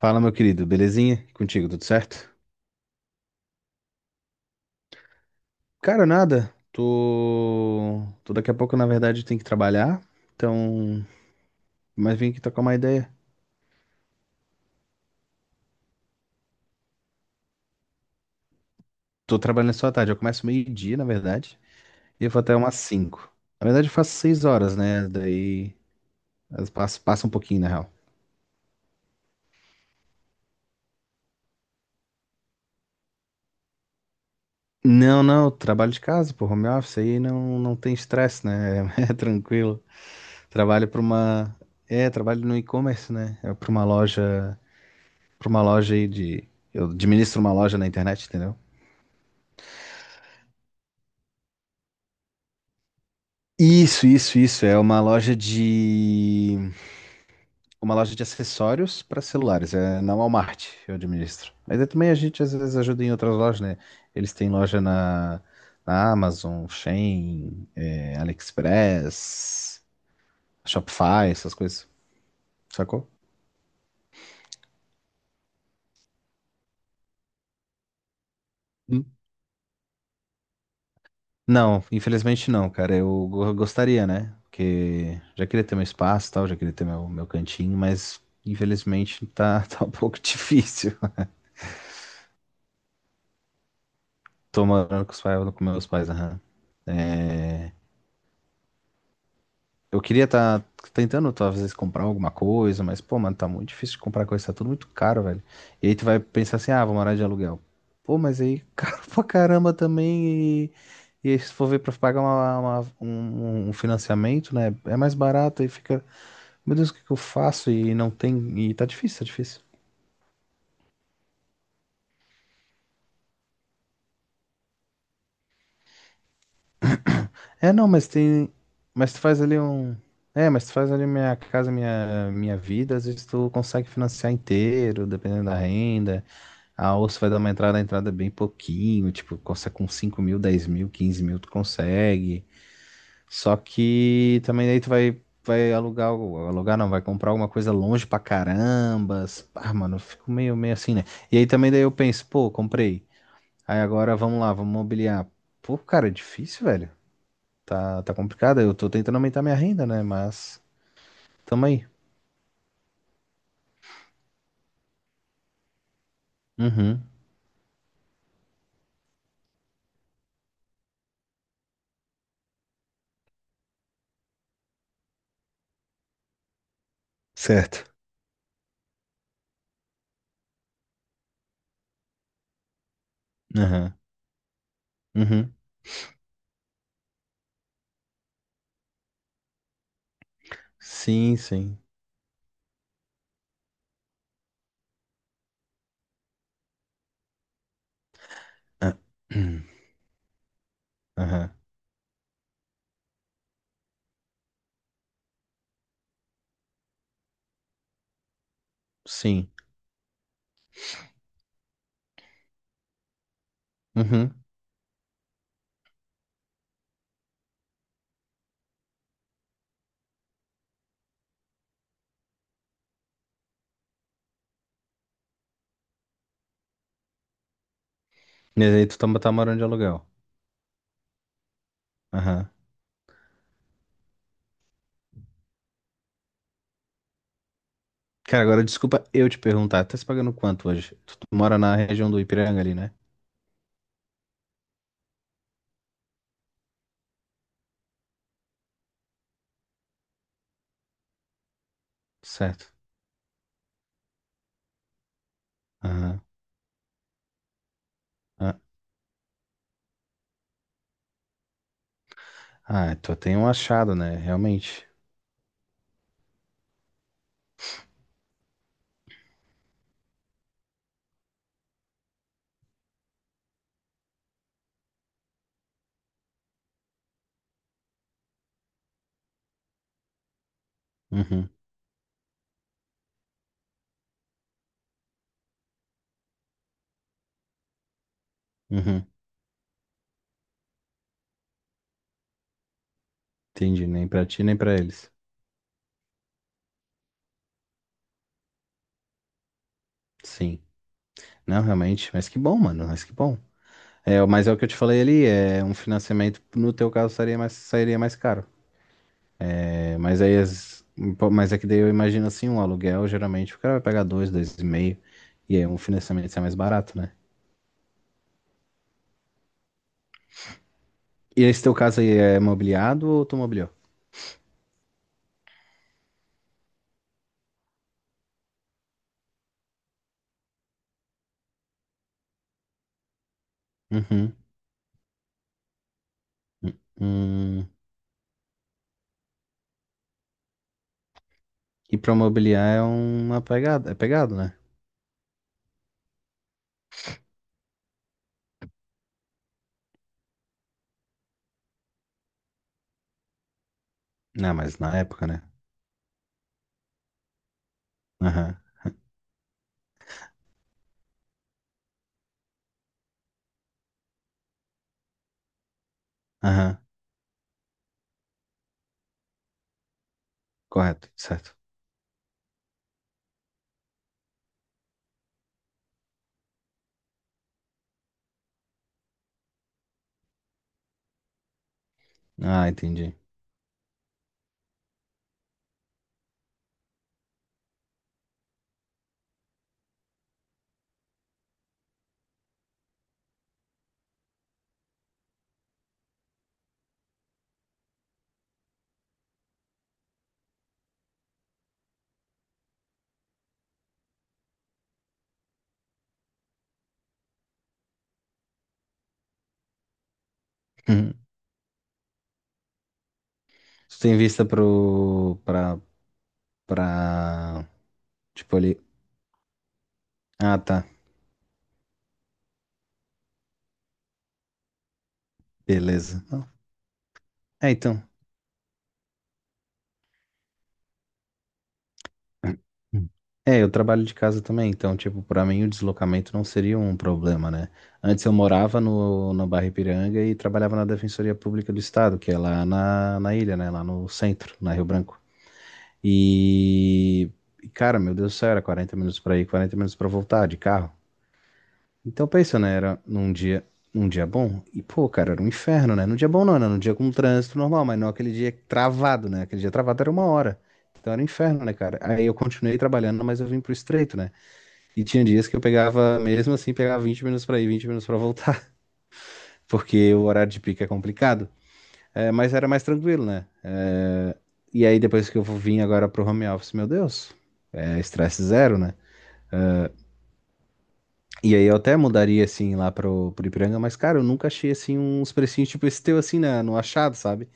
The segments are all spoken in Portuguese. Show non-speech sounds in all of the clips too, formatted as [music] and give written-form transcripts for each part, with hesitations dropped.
Fala, meu querido, belezinha? E contigo, tudo certo? Cara, nada. Tô daqui a pouco, na verdade, tenho que trabalhar. Então, mas vim aqui tocar uma ideia. Tô trabalhando só à tarde. Eu começo meio-dia, na verdade, e eu vou até umas 5. Na verdade, eu faço 6 horas, né? Daí passa um pouquinho, na real. Não, não, trabalho de casa, pô, home office aí não, não tem estresse, né? [laughs] É tranquilo. Trabalho para uma. É, trabalho no e-commerce, né? É para uma loja. Pra uma loja aí de. Eu administro uma loja na internet, entendeu? Isso, isso, isso. É uma loja de. Uma loja de acessórios para celulares. É na Walmart, eu administro. Mas aí também a gente às vezes ajuda em outras lojas, né? Eles têm loja na Amazon, Shein, é, AliExpress, Shopify, essas coisas. Sacou? Não, infelizmente não, cara. Eu gostaria, né? Porque já queria ter meu espaço e tal, já queria ter meu cantinho, mas infelizmente tá, [laughs] tá um pouco difícil. Tô morando com os pais, com meus pais, aham. É, eu queria estar tentando, talvez, comprar alguma coisa, mas, pô, mano, tá muito difícil de comprar coisa, tá tudo muito caro, velho. E aí tu vai pensar assim, ah, vou morar de aluguel. Pô, mas aí, [laughs] caro pra caramba também. E aí, se for ver pra pagar um financiamento, né? É mais barato e fica. Meu Deus, o que que eu faço? E não tem. E tá difícil, tá difícil. É, não, mas tem. Mas tu faz ali um. É, mas tu faz ali minha casa, minha vida, às vezes tu consegue financiar inteiro, dependendo da renda. A ouça vai dar uma entrada, a entrada é bem pouquinho, tipo, consegue com 5.000, 10.000, 15.000, tu consegue. Só que também aí tu vai alugar, alugar não, vai comprar alguma coisa longe pra carambas. Ah, mano, eu fico meio assim, né? E aí também daí eu penso, pô, comprei. Aí agora vamos lá, vamos mobiliar. Pô, cara, é difícil, velho. Tá complicado. Eu tô tentando aumentar minha renda, né? Mas tamo aí. Uhum. Certo. Aham. Uhum. Sim, sim. Ah, [clears throat] Aham. Sim. Uhum. E aí tu tá morando de aluguel. Aham. Cara, agora desculpa eu te perguntar. Tá se pagando quanto hoje? Tu mora na região do Ipiranga ali, né? Certo. Aham. Ah, ah, tu tem um achado, né? Realmente. Uhum. Uhum. Entendi. Nem pra ti, nem pra eles. Sim. Não, realmente. Mas que bom, mano. Mas que bom. É, mas é o que eu te falei ali, é um financiamento, no teu caso, sairia mais caro. É, mas aí, pô, mas é que daí eu imagino assim, um aluguel, geralmente o cara vai pagar dois, dois e meio, e aí um financiamento sai mais barato, né? E esse teu caso aí é mobiliado ou tu mobiliou? Uhum. Hum. E pra mobiliar é uma pegada, é pegado, né? Não, mas na época, né? Aham, aham, correto, certo. Ah, entendi. [laughs] Tu tem vista pro, pra. Tipo ali. Ah, tá. Beleza. Não. É, então. Hum. É, eu trabalho de casa também, então, tipo, pra mim o deslocamento não seria um problema, né? Antes eu morava no, na Barra Ipiranga e trabalhava na Defensoria Pública do Estado, que é lá na ilha, né? Lá no centro, na Rio Branco. E. Cara, meu Deus do céu, era 40 minutos pra ir, 40 minutos pra voltar de carro. Então, pensa, né? Era num dia bom. E, pô, cara, era um inferno, né? Num dia bom não, era num dia com trânsito normal, mas não aquele dia travado, né? Aquele dia travado era 1 hora. Então era um inferno, né, cara? Aí eu continuei trabalhando, mas eu vim pro estreito, né? E tinha dias que eu pegava, mesmo assim, pegava 20 minutos pra ir, 20 minutos pra voltar, [laughs] porque o horário de pico é complicado. É, mas era mais tranquilo, né? É, e aí depois que eu vim agora pro home office, meu Deus, é estresse zero, né? E aí eu até mudaria, assim, lá pro Ipiranga, mas, cara, eu nunca achei, assim, uns precinhos tipo esse teu, assim, no achado, sabe?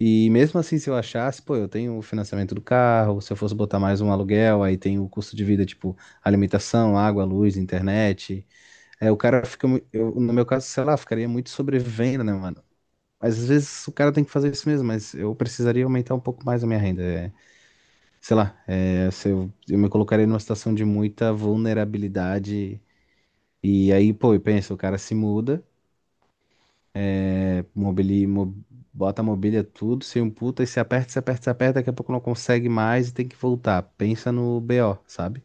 E mesmo assim, se eu achasse, pô, eu tenho o financiamento do carro, se eu fosse botar mais um aluguel, aí tem o custo de vida, tipo, alimentação, água, luz, internet. É, o cara fica, eu, no meu caso, sei lá, ficaria muito sobrevivendo, né, mano? Mas às vezes o cara tem que fazer isso mesmo, mas eu precisaria aumentar um pouco mais a minha renda. É, sei lá, é, se eu me colocaria numa situação de muita vulnerabilidade e aí, pô, eu penso, o cara se muda, né, bota a mobília tudo, se um puta e se aperta, se aperta, se aperta, daqui a pouco não consegue mais e tem que voltar. Pensa no BO, sabe?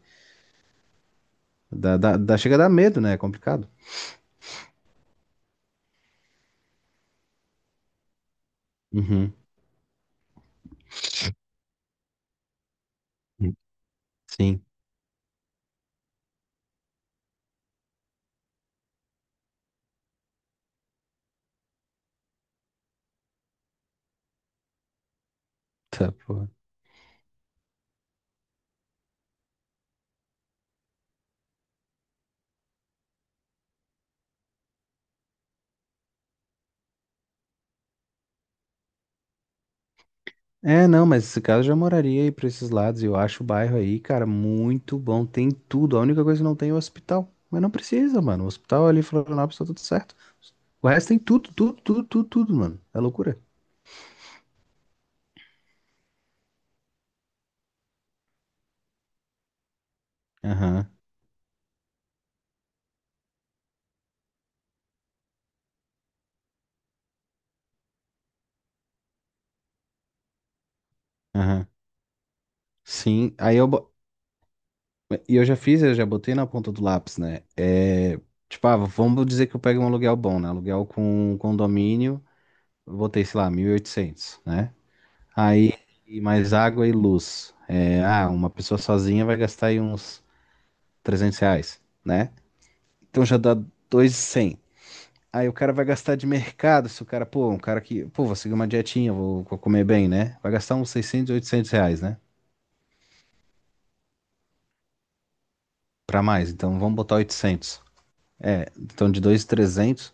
Chega a dar medo, né? É complicado. Uhum. Sim. Tá, porra. É, não, mas esse cara eu já moraria aí pra esses lados. Eu acho o bairro aí, cara, muito bom. Tem tudo. A única coisa é que não tem é o hospital. Mas não precisa, mano. O hospital ali em Florianópolis tá tudo certo. O resto tem tudo, tudo, tudo, tudo, tudo, mano. É loucura. Aham, aham. Sim, e eu já fiz, eu já botei na ponta do lápis, né? É, tipo, ah, vamos dizer que eu pego um aluguel bom, né? Aluguel com condomínio, eu botei, sei lá, 1.800, né? Aí, e mais água e luz. É, ah, uma pessoa sozinha vai gastar aí uns R$ 300, né? Então já dá dois e cem. Aí o cara vai gastar de mercado, se o cara, pô, um cara que, pô, vou seguir uma dietinha, vou comer bem, né? Vai gastar uns 600 800 reais, né? Pra mais, então vamos botar 800. É, então de 2.300.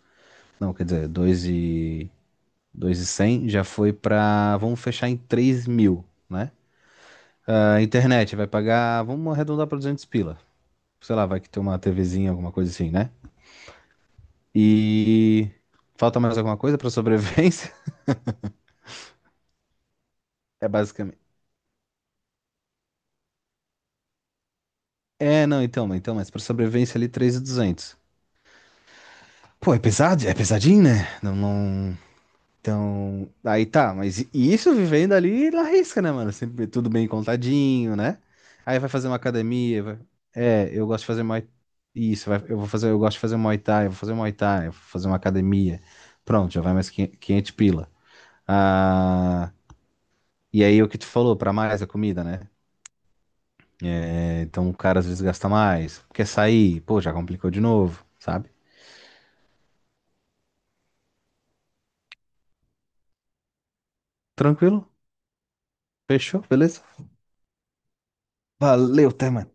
Não, quer dizer, 2 e 100 já foi pra. Vamos fechar em 3.000, né? Ah, internet vai pagar. Vamos arredondar pra 200 pila. Sei lá, vai que tem uma TVzinha, alguma coisa assim, né? E. Falta mais alguma coisa pra sobrevivência? [laughs] É basicamente. É, não, então, mas pra sobrevivência ali 3.200. Pô, é pesado? É pesadinho, né? Não, não. Então, aí tá, mas isso vivendo ali na risca, né, mano? Sempre tudo bem contadinho, né? Aí vai fazer uma academia, vai... É, eu gosto de fazer Muay... Isso, eu vou fazer, eu gosto de fazer Muay Thai, eu vou fazer Muay Thai, eu vou fazer uma academia. Pronto, já vai mais 500 500 pila. Ah, e aí o que tu falou, pra mais a comida, né? É, então o cara às vezes gasta mais, quer sair, pô, já complicou de novo, sabe? Tranquilo? Fechou? Beleza? Valeu, até, mano.